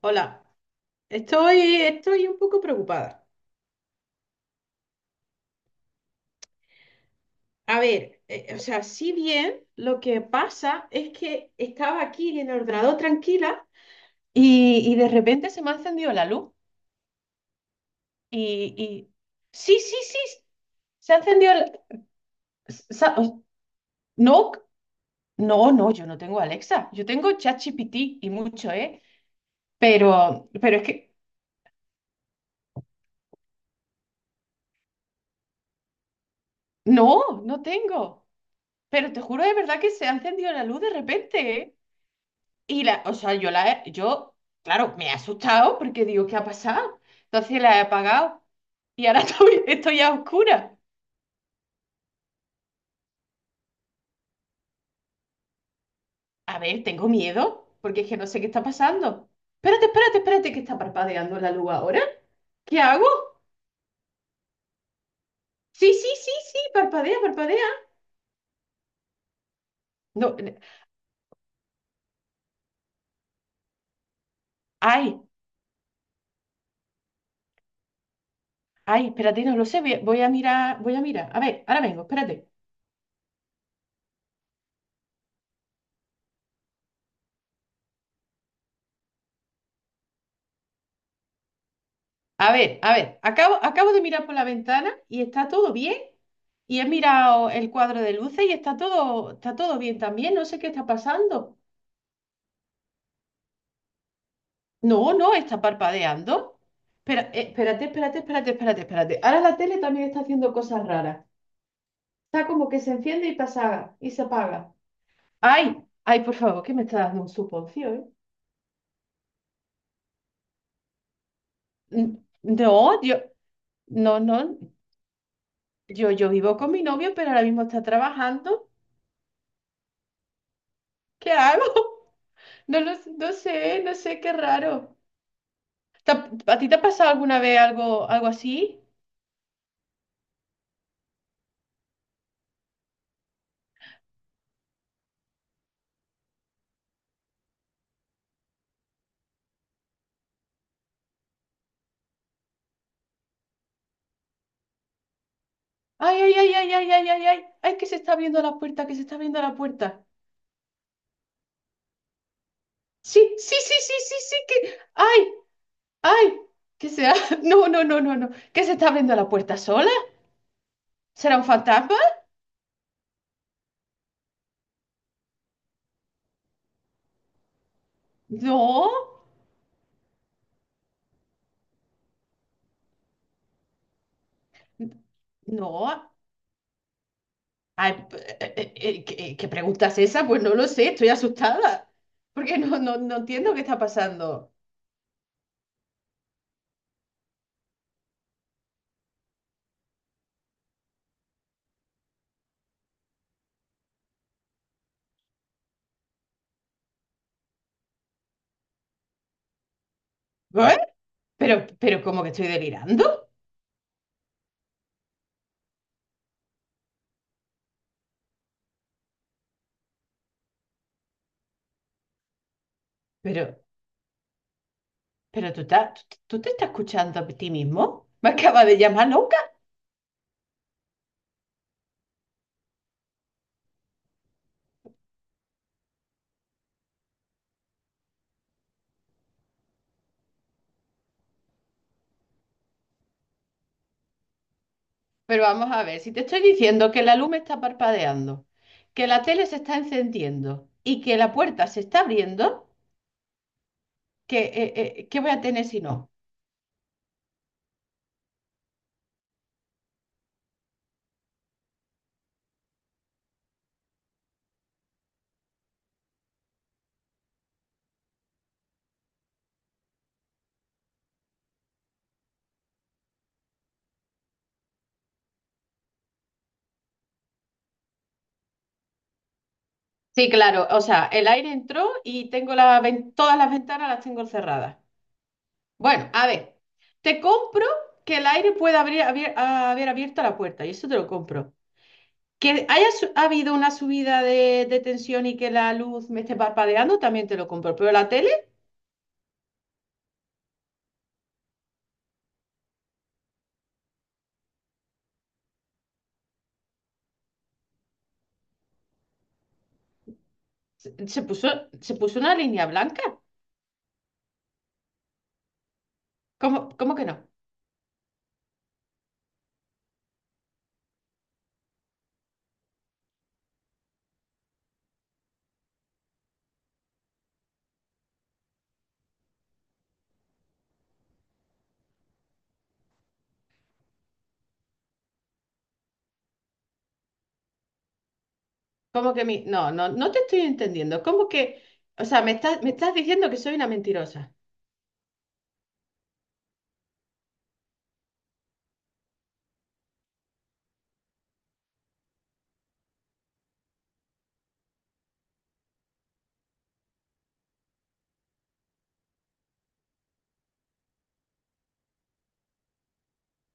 Hola, estoy un poco preocupada. A ver, o sea, si bien lo que pasa es que estaba aquí en el ordenador tranquila y de repente se me ha encendido la luz y, y- sí, sí, sí, se ha encendido la... sa- No, no, no, yo no tengo Alexa, yo tengo ChatGPT y mucho, ¿eh? Pero es que, no, no tengo. Pero te juro de verdad que se ha encendido la luz de repente, ¿eh? Y la, o sea, yo la he, yo, claro, me he asustado porque digo, ¿qué ha pasado? Entonces la he apagado y ahora estoy a oscuras. A ver, tengo miedo porque es que no sé qué está pasando. Espérate, espérate, espérate, que está parpadeando la luz ahora. ¿Qué hago? Sí, sí, sí, sí, parpadea, parpadea. No, ay, ay, espérate, no lo sé, voy a mirar, voy a mirar. A ver, ahora vengo, espérate. A ver, acabo de mirar por la ventana y está todo bien. Y he mirado el cuadro de luces y está todo bien también. No sé qué está pasando. No, no, está parpadeando. Espera, espérate, espérate, espérate, espérate, espérate. Ahora la tele también está haciendo cosas raras. Está como que se enciende y pasa y se apaga. Ay, ay, por favor, que me está dando un suponcio, ¿eh? No, yo, no, no. Yo vivo con mi novio, pero ahora mismo está trabajando. ¿Qué hago? No, no sé, no sé, qué raro. ¿A ti te ha pasado alguna vez algo, algo así? Ay, ay, ay, ay, ay, ay, ay, ay, ay, que se está abriendo la puerta, que se está abriendo la puerta. Sí, sí, sí, sí, sí, sí, que, ay, ay, que sea, no, no, no, no, no, que se está abriendo la puerta sola. ¿Será un fantasma? No, no. Ay, ¿qué, qué pregunta es esa? Pues no lo sé, estoy asustada, porque no, no, no entiendo qué está pasando. ¿Eh? Pero, ¿cómo que estoy delirando? Pero, pero tú te estás escuchando a ti mismo. Me acaba de llamar loca. Pero vamos a ver, si te estoy diciendo que la luz me está parpadeando, que la tele se está encendiendo y que la puerta se está abriendo, ¿qué, qué voy a tener si no? Sí, claro, o sea, el aire entró y tengo todas las ventanas las tengo cerradas. Bueno, a ver, te compro que el aire pueda haber abierto la puerta y eso te lo compro. Que haya habido una subida de tensión y que la luz me esté parpadeando, también te lo compro. Pero la tele se, se puso, se puso una línea blanca. ¿Cómo, cómo que no? ¿Cómo que mi... No, no, no te estoy entendiendo. ¿Cómo que... O sea, me estás diciendo que soy una mentirosa.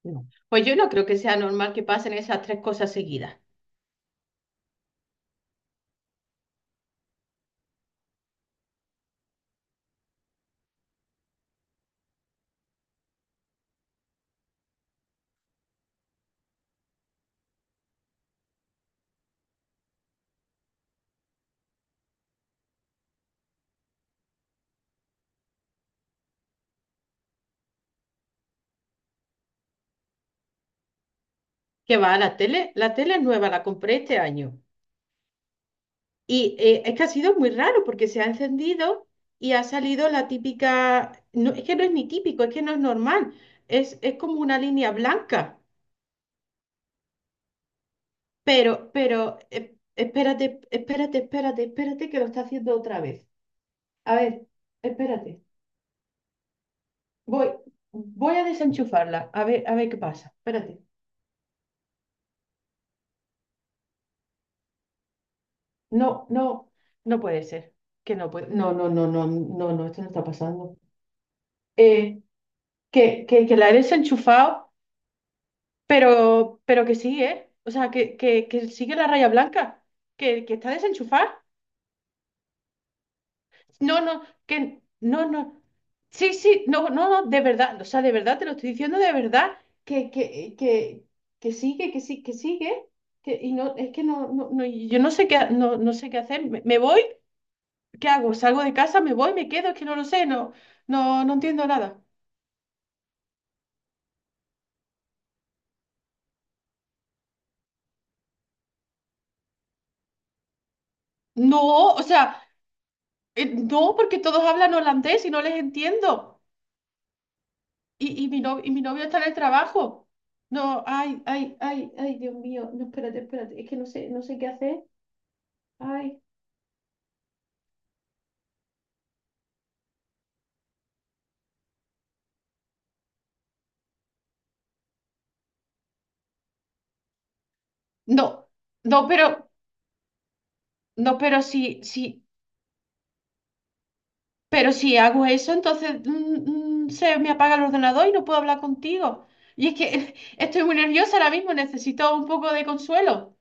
No. Pues yo no creo que sea normal que pasen esas tres cosas seguidas. Que va a la tele es nueva, la compré este año. Y es que ha sido muy raro porque se ha encendido y ha salido la típica, no, es que no es ni típico, es que no es normal, es como una línea blanca. Pero, pero, eh, espérate, espérate, espérate, espérate que lo está haciendo otra vez. A ver, espérate. Voy, voy a desenchufarla, a ver qué pasa. Espérate. No, no, no puede ser. Que no puede. No, no, no, no, no, no, esto no está pasando. Eh, que la he desenchufado, pero que sí, ¿eh? O sea, que sigue la raya blanca, que está desenchufada. No, no, que no, no. Sí, sí, no, no, no, de verdad, o sea, de verdad, te lo estoy diciendo de verdad, que, que, que, que sigue, que sí, que sigue, que, y no, es que no, no, no, y yo no sé qué, no, no sé qué hacer, me voy, ¿qué hago? ¿Salgo de casa, me voy, me quedo? Es que no lo sé, no, no, no entiendo nada. No, o sea, no, porque todos hablan holandés y no les entiendo, y mi no, y mi novio está en el trabajo. No, ay, ay, ay, ay, Dios mío, no, espérate, espérate, es que no sé, no sé qué hacer. Ay, no, no, pero, no, pero si, si, pero si hago eso, entonces se me apaga el ordenador y no puedo hablar contigo. Y es que estoy muy nerviosa ahora mismo, necesito un poco de consuelo.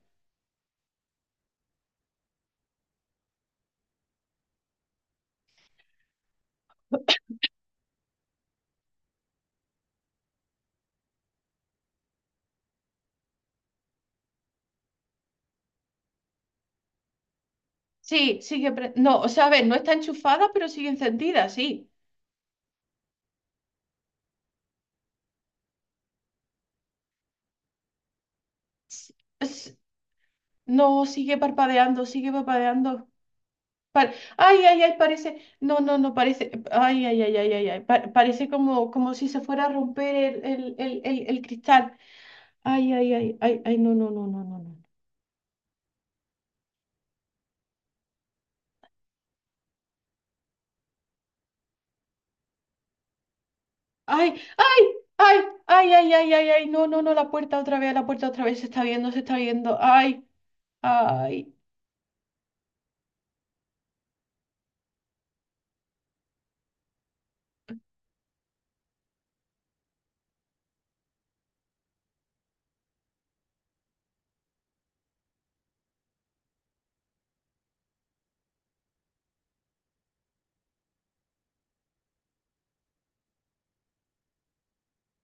Sí, sigue, no, o sea, a ver, no está enchufada, pero sigue encendida, sí. S- s- No, sigue parpadeando, sigue parpadeando. Pa- ay, ay, ay, parece, no, no, no, parece, ay, ay, ay, ay, ay, ay, parece como, como si se fuera a romper el cristal. Ay, ay, ay, ay, ay, no, no, no, no, no, no. Ay, ay, ay, ay, ay, ay, ay, ay, no, no, no, la puerta otra vez, la puerta otra vez, se está viendo, se está viendo. Ay, ay.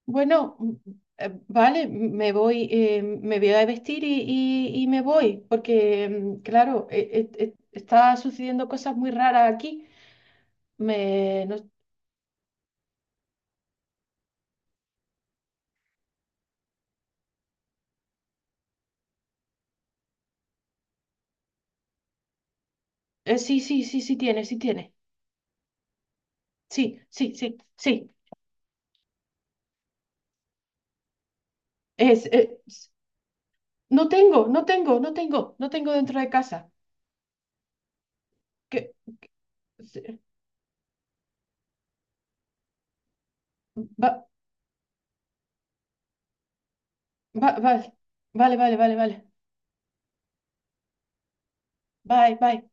Bueno, vale, me voy a vestir y me voy, porque, claro, está sucediendo cosas muy raras aquí. Me, no- sí, sí, sí, sí tiene, sí tiene. Sí, sí, sí, sí. Es, es- no tengo, no tengo, no tengo, no tengo dentro de casa. ¿Qué? Va- vale, vale, vale, vale, vale. Bye, bye.